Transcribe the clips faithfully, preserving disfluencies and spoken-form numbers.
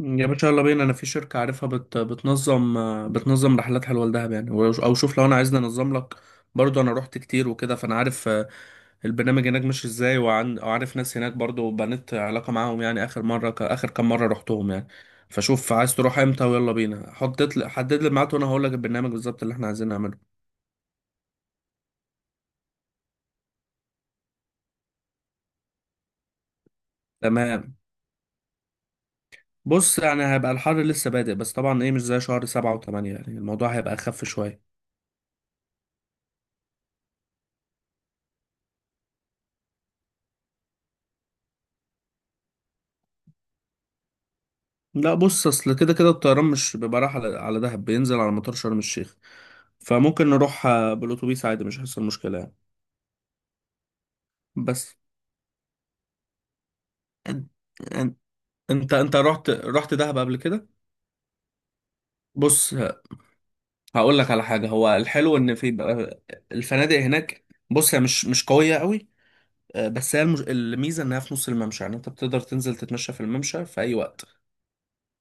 يا باشا يلا بينا، انا في شركة عارفها بت... بتنظم. بتنظم رحلات حلوة لدهب، يعني و- او شوف، لو انا عايزني انظم لك. برضو انا رحت كتير وكده، فانا عارف، آه، البرنامج هناك ماشي ازاي. وعن... وعارف ناس هناك برضو، بنيت علاقة معاهم، يعني اخر مرة ك... اخر كام مرة رحتهم يعني. فشوف عايز تروح امتى ويلا بينا، حطيت لي حدد لي ميعاد وانا هقول لك البرنامج بالظبط اللي احنا عايزين نعمله. تمام. بص يعني هيبقى الحر لسه بادئ، بس طبعا ايه، مش زي شهر سبعة وثمانية، يعني الموضوع هيبقى اخف شوية. لا بص، اصل كده كده الطيران مش بيبقى رايح على على دهب، بينزل على مطار شرم الشيخ. فممكن نروح آه، بالاتوبيس عادي، مش هيحصل مشكله يعني. بس أن- أن- انت انت رحت رحت دهب قبل كده؟ بص هقول لك على حاجه، هو الحلو ان في بقى- الفنادق هناك، بص هي مش مش قويه قوي، آه، بس هي المش... الميزه انها في نص الممشى، يعني انت بتقدر تنزل تتمشى في الممشى في اي وقت.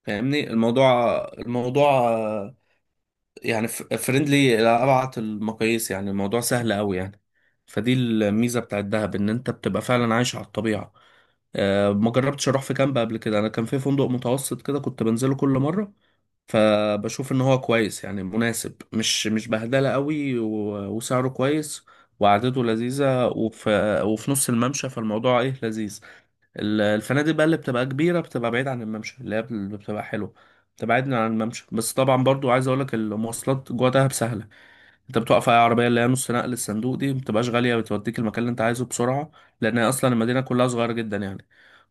فاهمني الموضوع الموضوع يعني فريندلي لأبعد المقاييس، يعني الموضوع سهل قوي يعني. فدي الميزة بتاعت دهب، ان انت بتبقى فعلا عايش على الطبيعة. آه، ما جربتش اروح في كامب قبل كده، انا كان في فندق متوسط كده كنت بنزله كل مرة. فبشوف ان هو كويس يعني، مناسب، مش مش بهدلة قوي، و- وسعره كويس وقعدته لذيذة، وفي وفي نص الممشى، فالموضوع ايه لذيذ. ال- الفنادق بقى اللي بتبقى كبيرة بتبقى بعيد عن الممشى، اللي هي بال- بتبقى حلوة بتبقى بعيد عن الممشى. بس طبعا برضو عايز اقولك، المواصلات جوه دهب سهلة. انت بتوقف اي عربية، اللي هي نص نقل الصندوق دي، مبتبقاش غالية، بتوديك المكان اللي انت عايزه بسرعة. لان هي اصلا المدينة كلها صغيرة جدا يعني.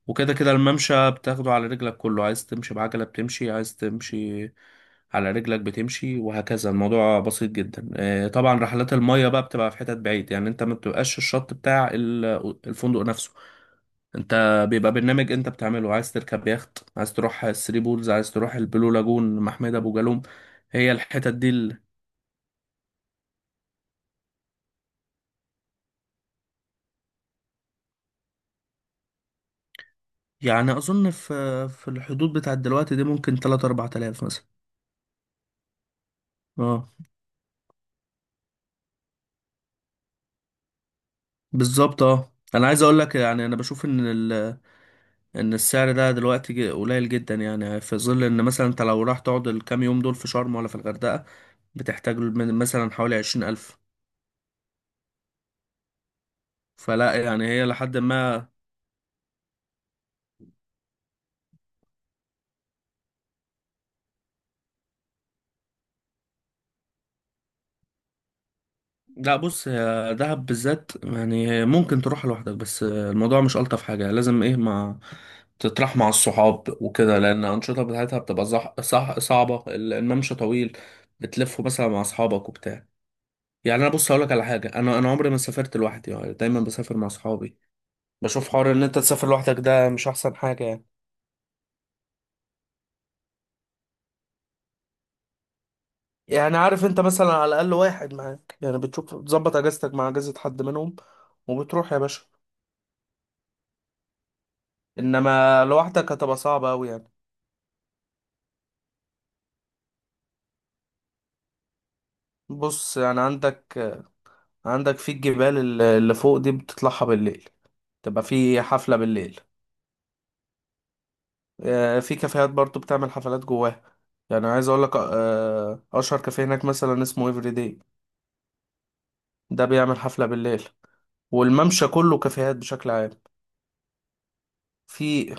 وكده كده الممشى بتاخده على رجلك، كله عايز تمشي بعجلة بتمشي، عايز تمشي على رجلك بتمشي، وهكذا. الموضوع بسيط جدا. آه، طبعا رحلات المية بقى بتبقى في حتت بعيد، يعني انت ما بتبقاش الشط بتاع ال- الفندق نفسه. انت بيبقى برنامج انت بتعمله، عايز تركب يخت، عايز تروح الثري بولز، عايز تروح البلو لاجون، محمية ابو جالوم، هي الحتت دي ال... يعني. اظن في في الحدود بتاعت دلوقتي دي ممكن تلاتة اربعة الاف مثلا. اه بالظبط، اه انا عايز اقول لك يعني، انا بشوف ان ال... ان السعر ده دلوقتي ج- قليل جدا يعني، في ظل ان مثلا انت لو راح تقعد الكام يوم دول في شرم ولا في الغردقة، بتحتاج من مثلا حوالي عشرين الف. فلا يعني هي لحد ما. لا بص، هي دهب بالذات يعني ممكن تروح لوحدك، بس الموضوع مش ألطف حاجة، لازم ايه ما تطرح مع الصحاب وكده، لأن الأنشطة بتاعتها بتبقى صح صح صعبة. ال- الممشى طويل، بتلفه مثلا مع أصحابك وبتاع. يعني أنا بص هقولك على حاجة، أنا أنا عمري ما سافرت لوحدي، يعني دايما بسافر مع أصحابي. بشوف حوار إن أنت تسافر لوحدك ده مش أحسن حاجة يعني. يعني عارف أنت، مثلا على الأقل واحد معاك، يعني بتشوف بتظبط أجازتك مع أجازة حد منهم وبتروح يا باشا. إنما لوحدك هتبقى صعبة أوي يعني. بص يعني عندك عندك في الجبال ال- اللي فوق دي، بتطلعها بالليل، تبقى في حفلة بالليل. آه، في كافيهات برضو بتعمل حفلات جواها. يعني عايز اقول لك، آه، اشهر كافيه هناك مثلا اسمه ايفري داي، ده بيعمل حفلة بالليل. والممشى كله كافيهات بشكل عام. في.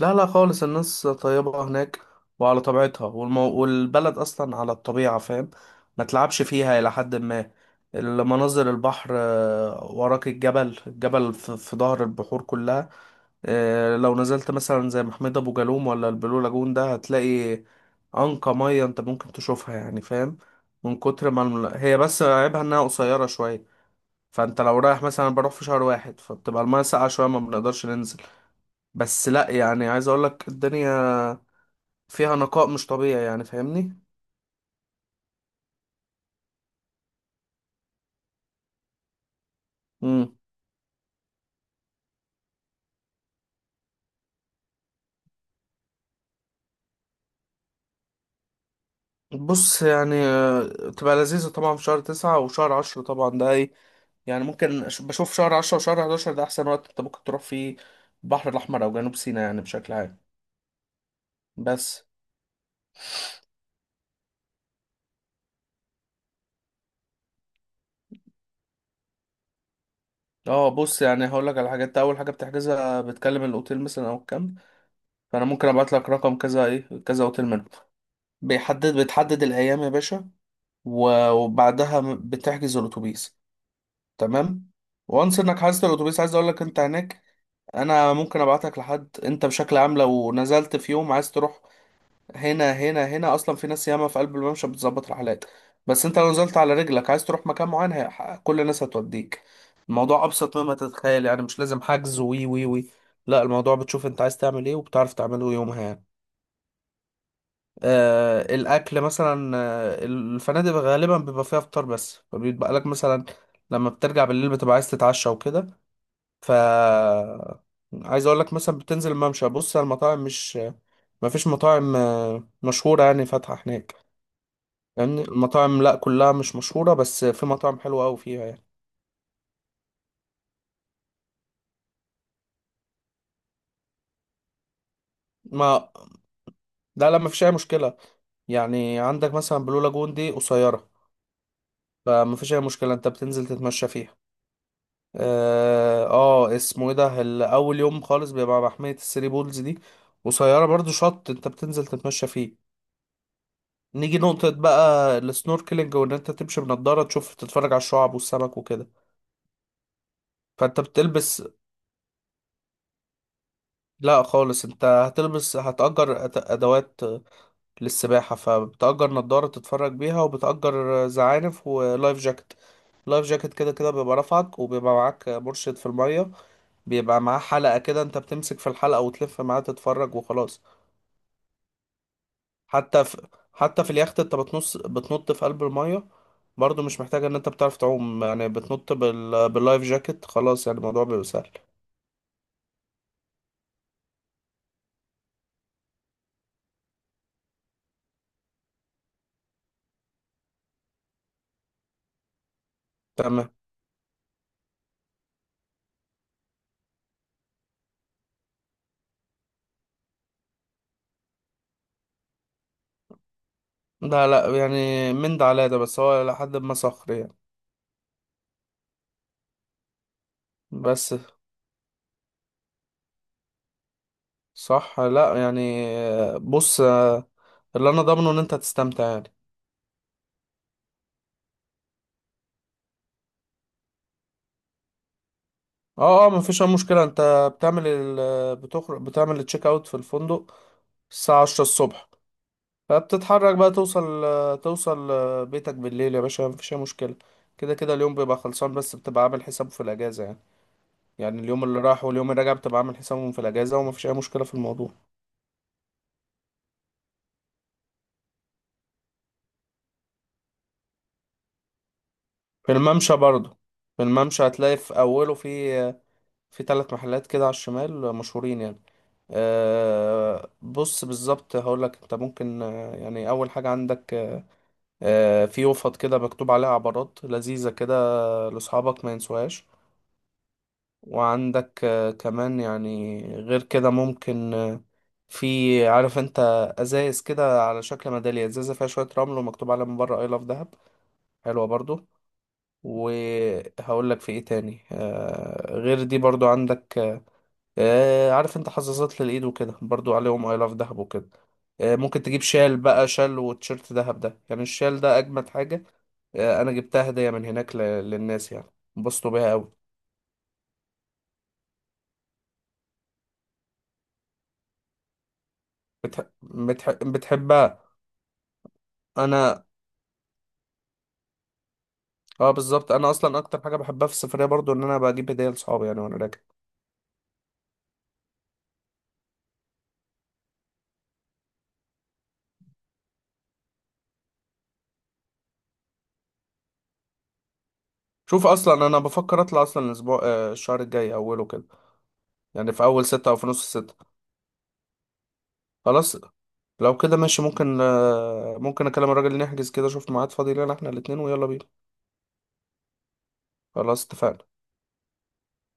لا لا خالص، الناس طيبة هناك وعلى طبيعتها. والمو... والبلد أصلا على الطبيعة، فاهم، ما تلعبش فيها إلى حد ما. المناظر، البحر، آه، وراك الجبل، الجبل في, في ظهر البحور كلها. آه، لو نزلت مثلا زي محمد أبو جالوم ولا البلو لاجون ده، هتلاقي أنقى مية أنت ممكن تشوفها يعني، فاهم، من كتر ما الم... هي بس عيبها إنها قصيرة شوية. فأنت لو رايح مثلا، بروح في شهر واحد فبتبقى المية ساقعة شوية، ما بنقدرش ننزل. بس لا يعني، عايز اقول لك الدنيا فيها نقاء مش طبيعي يعني، فاهمني. امم بص يعني آه، تبقى لذيذة طبعا في شهر تسعة وشهر عشرة، طبعا ده ايه يعني، ممكن أش- بشوف شهر عشرة وشهر حداشر، ده احسن وقت انت ممكن تروح فيه البحر الاحمر او جنوب سيناء يعني بشكل عام. بس. اه بص يعني هقول لك على حاجات، انت اول حاجه بتحجزها بتكلم الاوتيل مثلا او الكامب. فانا ممكن ابعت لك رقم كذا ايه كذا اوتيل منهم، بيحدد بتحدد الايام يا باشا. و- وبعدها م- بتحجز الاتوبيس. تمام. وانس انك حاسس الاتوبيس، عايز اقول لك انت هناك، انا ممكن ابعتك لحد. انت بشكل عام لو نزلت في يوم عايز تروح، هنا هنا هنا اصلا في ناس ياما في قلب الممشى بتظبط رحلات. بس انت لو نزلت على رجلك عايز تروح مكان معين، هي- كل الناس هتوديك. الموضوع ابسط مما تتخيل يعني، مش لازم حجز وي وي وي. لا الموضوع بتشوف انت عايز تعمل ايه وبتعرف تعمله يومها يعني. آه الاكل مثلا، آه، الفنادق غالبا بيبقى فيها فطار بس، فبيبقى لك مثلا لما بترجع بالليل بتبقى عايز تتعشى وكده. ف عايز اقول لك، مثلا بتنزل الممشى بص على المطاعم، مش ما فيش مطاعم آه، مشهورة يعني فاتحة هناك. يعني المطاعم لا كلها مش مشهورة، بس في مطاعم حلوة أوي فيها يعني. ما لا لا، ما فيش أي مشكلة. يعني عندك مثلا بلو لاجون دي قصيرة، فما فيش أي مشكلة، أنت بتنزل تتمشى فيها. آه, آه اسمه إيه ده، ال- أول يوم خالص بيبقى محمية الثري بولز دي، قصيرة برضو، شط أنت بتنزل تتمشى فيه. نيجي نقطة بقى السنوركلينج، وان انت تمشي بنضارة تشوف تتفرج على الشعاب والسمك وكده. فانت بتلبس. لا خالص، انت هتلبس هتأجر أت- ادوات للسباحة، فبتأجر نضارة تتفرج بيها، وبتأجر زعانف ولايف جاكيت. لايف جاكيت كده كده بيبقى رافعك، وبيبقى معاك مرشد في المية، بيبقى معاه حلقة كده، انت بتمسك في الحلقة وتلف معاه تتفرج وخلاص. حتى في حتى في اليخت، انت بتنص بتنط في قلب المية، برضو مش محتاج ان انت بتعرف تعوم يعني، بتنط بال... باللايف جاكيت خلاص، يعني الموضوع بيبقى سهل. تمام. لا لا يعني من ده على ده، بس هو لحد ما صخر يعني. بس. صح لا يعني، بص، اللي انا ضامنه ان انت هتستمتع يعني. اه اه مفيش اي مشكلة. انت بتعمل ال... بتخرج بتعمل التشيك اوت في الفندق الساعة عشرة الصبح. فبتتحرك بقى، توصل توصل بيتك بالليل يا باشا، مفيش أي مشكلة. كده كده اليوم بيبقى خلصان، بس بتبقى عامل حسابه في الأجازة يعني. يعني اليوم اللي راح واليوم اللي راجع بتبقى عامل حسابهم في الأجازة، ومفيش أي مشكلة في الموضوع. في الممشى برضه. في الممشى هتلاقي في أوله في في ثلاث محلات كده على الشمال مشهورين يعني. أه بص بالظبط هقولك، انت ممكن آه، يعني أول حاجة عندك، آه، في يوفط كده مكتوب عليها عبارات لذيذة كده لأصحابك ما ينسوهاش. وعندك آه، كمان يعني غير كده ممكن، آه، في عارف انت ازايز كده على شكل ميدالية، ازازة فيها شوية رمل ومكتوب عليها من بره اي لاف دهب، حلوة برضو. وهقول لك في ايه تاني، آه، غير دي برضو عندك، آه، عارف انت حظاظات للايد وكده، برضو عليهم اي لاف دهب وكده. آه، ممكن تجيب شال بقى، شال وتيشيرت دهب ده، يعني الشال ده اجمد حاجة. آه، انا جبتها هدية من هناك ل- للناس يعني، انبسطوا بيها قوي. بتح... بتح... بتحبها. انا اه بالظبط، انا اصلا اكتر حاجه بحبها في السفريه برضو ان انا بجيب هديه لصحابي يعني وانا راجع. شوف اصلا انا بفكر اطلع اصلا الاسبوع، آه، الشهر الجاي اوله كده، يعني في اول ستة او في نص ستة. خلاص لو كده ماشي، ممكن آه، ممكن اكلم الراجل نحجز كده، اشوف ميعاد فاضي لنا احنا الاتنين ويلا بينا. خلاص اتفقنا.